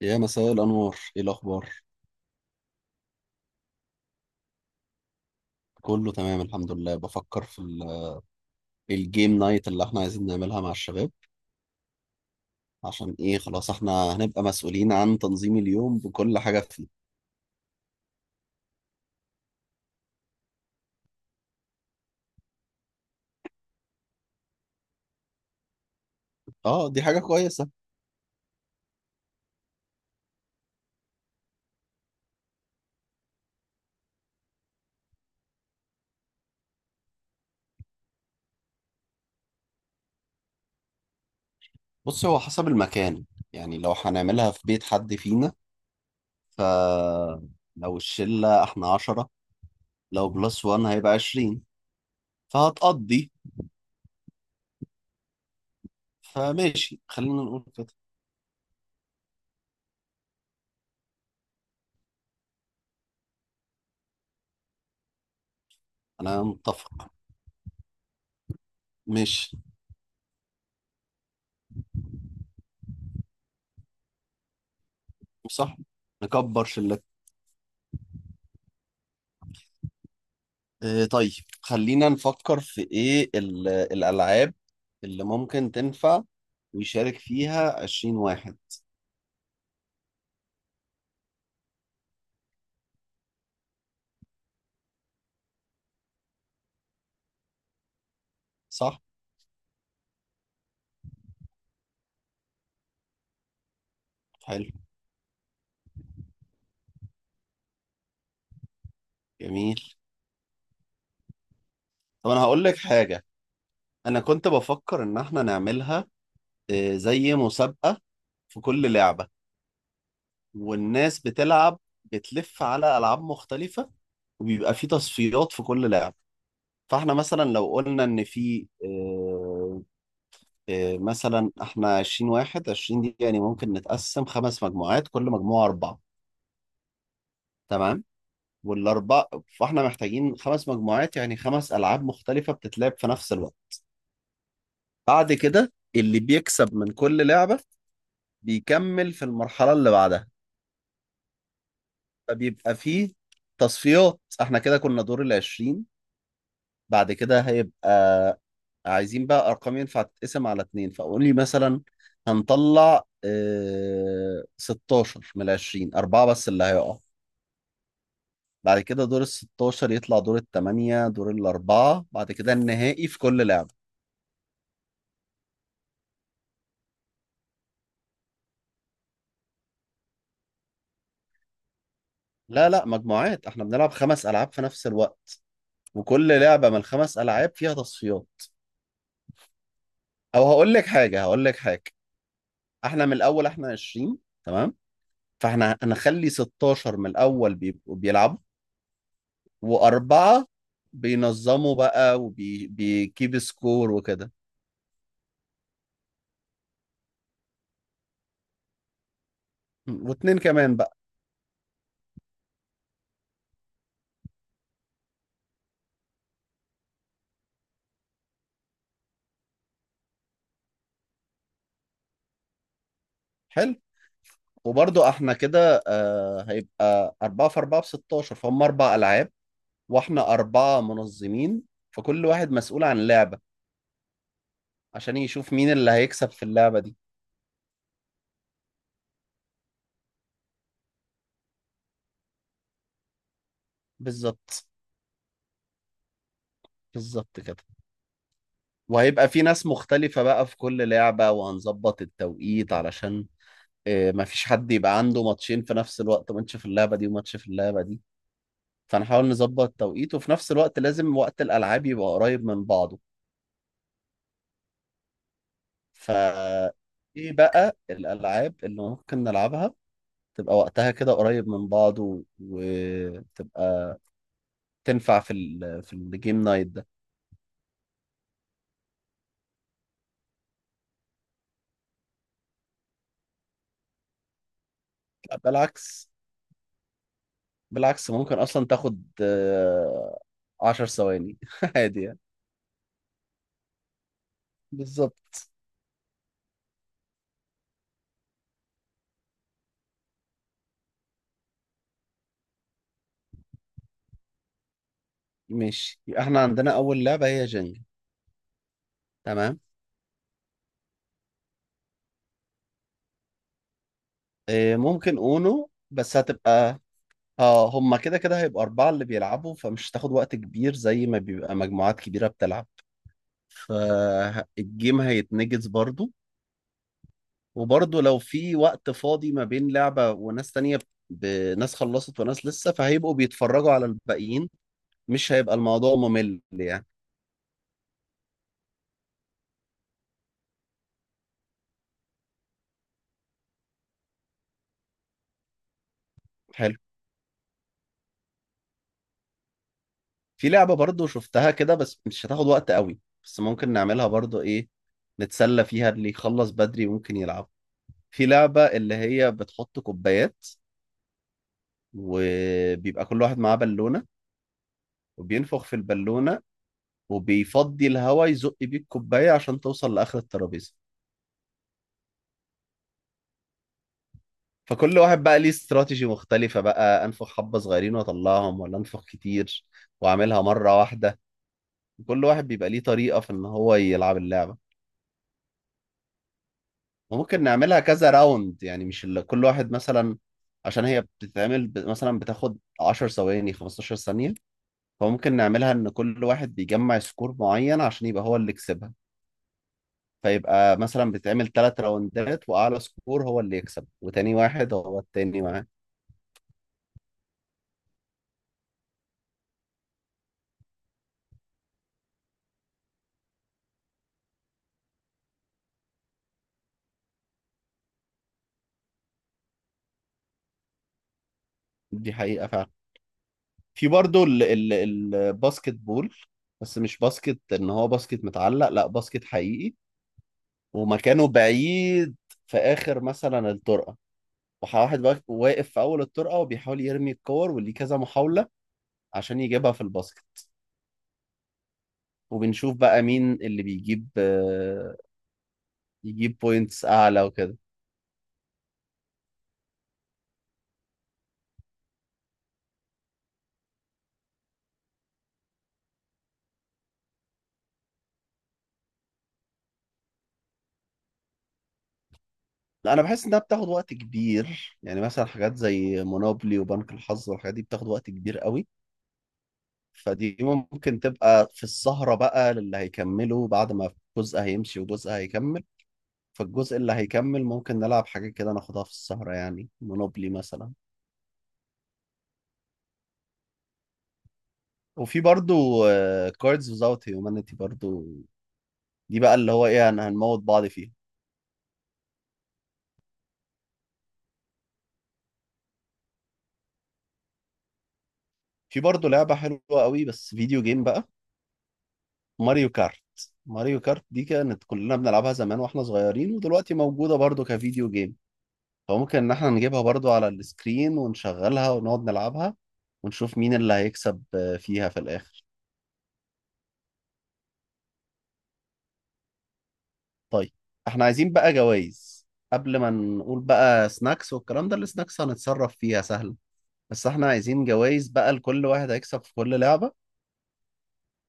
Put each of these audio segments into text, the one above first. يا مساء الأنوار، إيه الأخبار؟ كله تمام الحمد لله. بفكر في الجيم نايت اللي احنا عايزين نعملها مع الشباب، عشان إيه؟ خلاص احنا هنبقى مسؤولين عن تنظيم اليوم بكل حاجة فيه. اه، دي حاجة كويسة. بص، هو حسب المكان، يعني لو هنعملها في بيت حد فينا. فلو الشلة احنا عشرة، لو بلس وان هيبقى عشرين، فهتقضي. فماشي، خلينا نقول كده. أنا متفق. ماشي، صح، نكبر شلتنا. طيب، خلينا نفكر في الالعاب اللي ممكن تنفع ويشارك فيها 20 واحد. صح. حلو. جميل. طب انا هقول لك حاجة، انا كنت بفكر ان احنا نعملها زي مسابقة في كل لعبة، والناس بتلعب بتلف على ألعاب مختلفة، وبيبقى في تصفيات في كل لعبة. فاحنا مثلا لو قلنا إن في آه، إيه، مثلا احنا 20 واحد، 20 دي يعني ممكن نتقسم خمس مجموعات، كل مجموعة أربعة. تمام. والأربعة، فاحنا محتاجين خمس مجموعات، يعني خمس ألعاب مختلفة بتتلعب في نفس الوقت. بعد كده اللي بيكسب من كل لعبة بيكمل في المرحلة اللي بعدها. فبيبقى فيه تصفيات، احنا كده كنا دور ال 20. بعد كده هيبقى عايزين بقى أرقام ينفع تتقسم على اتنين، فقول لي مثلا هنطلع اه 16 من ال 20، أربعة بس اللي هيقع. بعد كده دور ال 16 يطلع دور الثمانية، دور الأربعة، بعد كده النهائي في كل لعبة. لا، مجموعات، احنا بنلعب خمس ألعاب في نفس الوقت، وكل لعبة من الخمس ألعاب فيها تصفيات. أو هقول لك حاجة، احنا من الأول احنا 20، تمام. فاحنا هنخلي 16 من الأول بيبقوا بيلعبوا، وأربعة بينظموا بقى وبيكيب سكور وكده، واتنين كمان بقى. حلو. وبرضو احنا كده آه هيبقى أربعة في أربعة ب 16، فهم أربع ألعاب، واحنا أربعة منظمين، فكل واحد مسؤول عن لعبة عشان يشوف مين اللي هيكسب في اللعبة دي. بالظبط، بالظبط كده. وهيبقى في ناس مختلفة بقى في كل لعبة، وهنظبط التوقيت علشان مفيش حد يبقى عنده ماتشين في نفس الوقت، ماتش في اللعبة دي وماتش في اللعبة دي. فنحاول نظبط التوقيت، وفي نفس الوقت لازم وقت الألعاب يبقى قريب من بعضه. ف ايه بقى الألعاب اللي ممكن نلعبها تبقى وقتها كده قريب من بعضه، وتبقى تنفع في في الجيم نايت ده. لا، بالعكس، ممكن اصلا تاخد عشر ثواني عادي يعني. بالظبط. ماشي، يبقى احنا عندنا اول لعبة هي جنجل. تمام. ممكن اونو بس هتبقى، اه، هما كده كده هيبقى أربعة اللي بيلعبوا، فمش هتاخد وقت كبير زي ما بيبقى مجموعات كبيرة بتلعب. فالجيم هيتنجز برضو. وبرضه لو في وقت فاضي ما بين لعبة وناس تانية، ب- ناس خلصت وناس لسه، فهيبقوا بيتفرجوا على الباقيين. مش هيبقى الموضوع ممل يعني. حلو. في لعبة برضه شفتها كده، بس مش هتاخد وقت قوي، بس ممكن نعملها برضه، ايه، نتسلى فيها، اللي يخلص بدري ممكن يلعب. في لعبة اللي هي بتحط كوبايات، وبيبقى كل واحد معاه بالونة، وبينفخ في البالونة، وبيفضي الهواء يزق بيه الكوباية عشان توصل لآخر الترابيزة. فكل واحد بقى ليه استراتيجي مختلفة، بقى أنفخ حبة صغيرين وأطلعهم ولا أنفخ كتير وأعملها مرة واحدة. كل واحد بيبقى ليه طريقة في إن هو يلعب اللعبة. وممكن نعملها كذا راوند، يعني مش اللي كل واحد مثلا، عشان هي بتتعمل مثلا بتاخد 10 ثواني، 15 ثانية. فممكن نعملها إن كل واحد بيجمع سكور معين عشان يبقى هو اللي يكسبها. فيبقى مثلا بتتعمل ثلاث راوندات، وأعلى سكور هو اللي يكسب، وتاني واحد هو التاني معاه. دي حقيقة فعلا. في برضه الباسكت بول، بس مش باسكت ان هو باسكت متعلق، لا، باسكت حقيقي ومكانه بعيد في اخر مثلا الطرقه، وواحد بقى واقف في اول الطرقه وبيحاول يرمي الكور، وليه كذا محاوله عشان يجيبها في الباسكت. وبنشوف بقى مين اللي بيجيب يجيب بوينتس اعلى وكده. لا، انا بحس انها بتاخد وقت كبير، يعني مثلا حاجات زي مونوبلي وبنك الحظ والحاجات دي بتاخد وقت كبير قوي. فدي ممكن تبقى في السهرة بقى، للي هيكملوا بعد ما جزء هيمشي وجزء هيكمل. فالجزء اللي هيكمل ممكن نلعب حاجة كده، ناخدها في السهرة، يعني مونوبلي مثلا. وفي برضو كاردز وزاوت هيومانيتي برضو، دي بقى اللي هو ايه، انا هنموت بعض فيها. في برضو لعبة حلوة قوي، بس فيديو جيم بقى، ماريو كارت. ماريو كارت دي كانت كلنا بنلعبها زمان واحنا صغيرين، ودلوقتي موجودة برضو كفيديو جيم. فممكن ان احنا نجيبها برضو على السكرين ونشغلها ونقعد نلعبها، ونشوف مين اللي هيكسب فيها في الاخر. طيب، احنا عايزين بقى جوائز. قبل ما نقول بقى سناكس والكلام ده، السناكس هنتصرف فيها سهل. بس احنا عايزين جوائز بقى لكل واحد هيكسب في كل لعبة،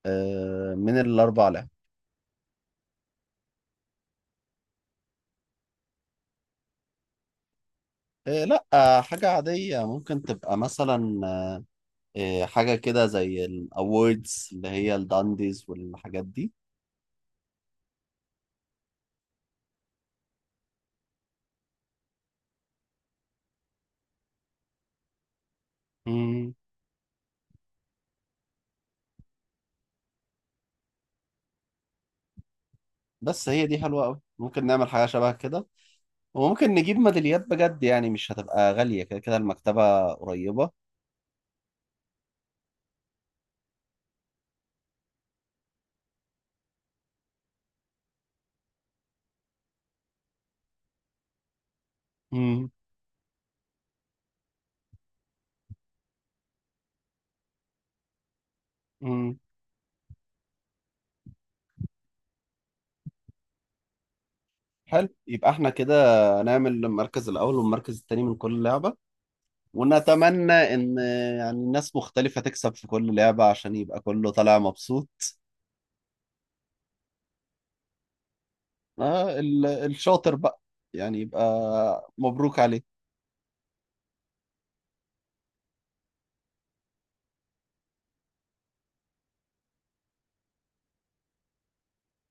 من الاربع لعب. آه، لا آه، حاجة عادية، ممكن تبقى مثلا حاجة كده زي الاووردز اللي هي الدانديز والحاجات دي. مم، بس هي دي حلوة قوي، ممكن نعمل حاجة شبه كده، وممكن نجيب ميداليات بجد، يعني مش هتبقى غالية، كده كده المكتبة قريبة. امم امم. حلو، يبقى احنا كده نعمل المركز الأول والمركز التاني من كل لعبة، ونتمنى إن يعني ناس مختلفة تكسب في كل لعبة عشان يبقى كله طالع مبسوط. آه الشاطر بقى يعني يبقى مبروك عليه.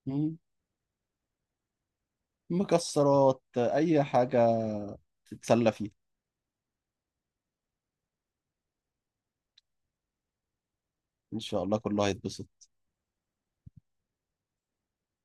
مم. مكسرات، أي حاجة تتسلى فيها. إن شاء الله كله هيتبسط.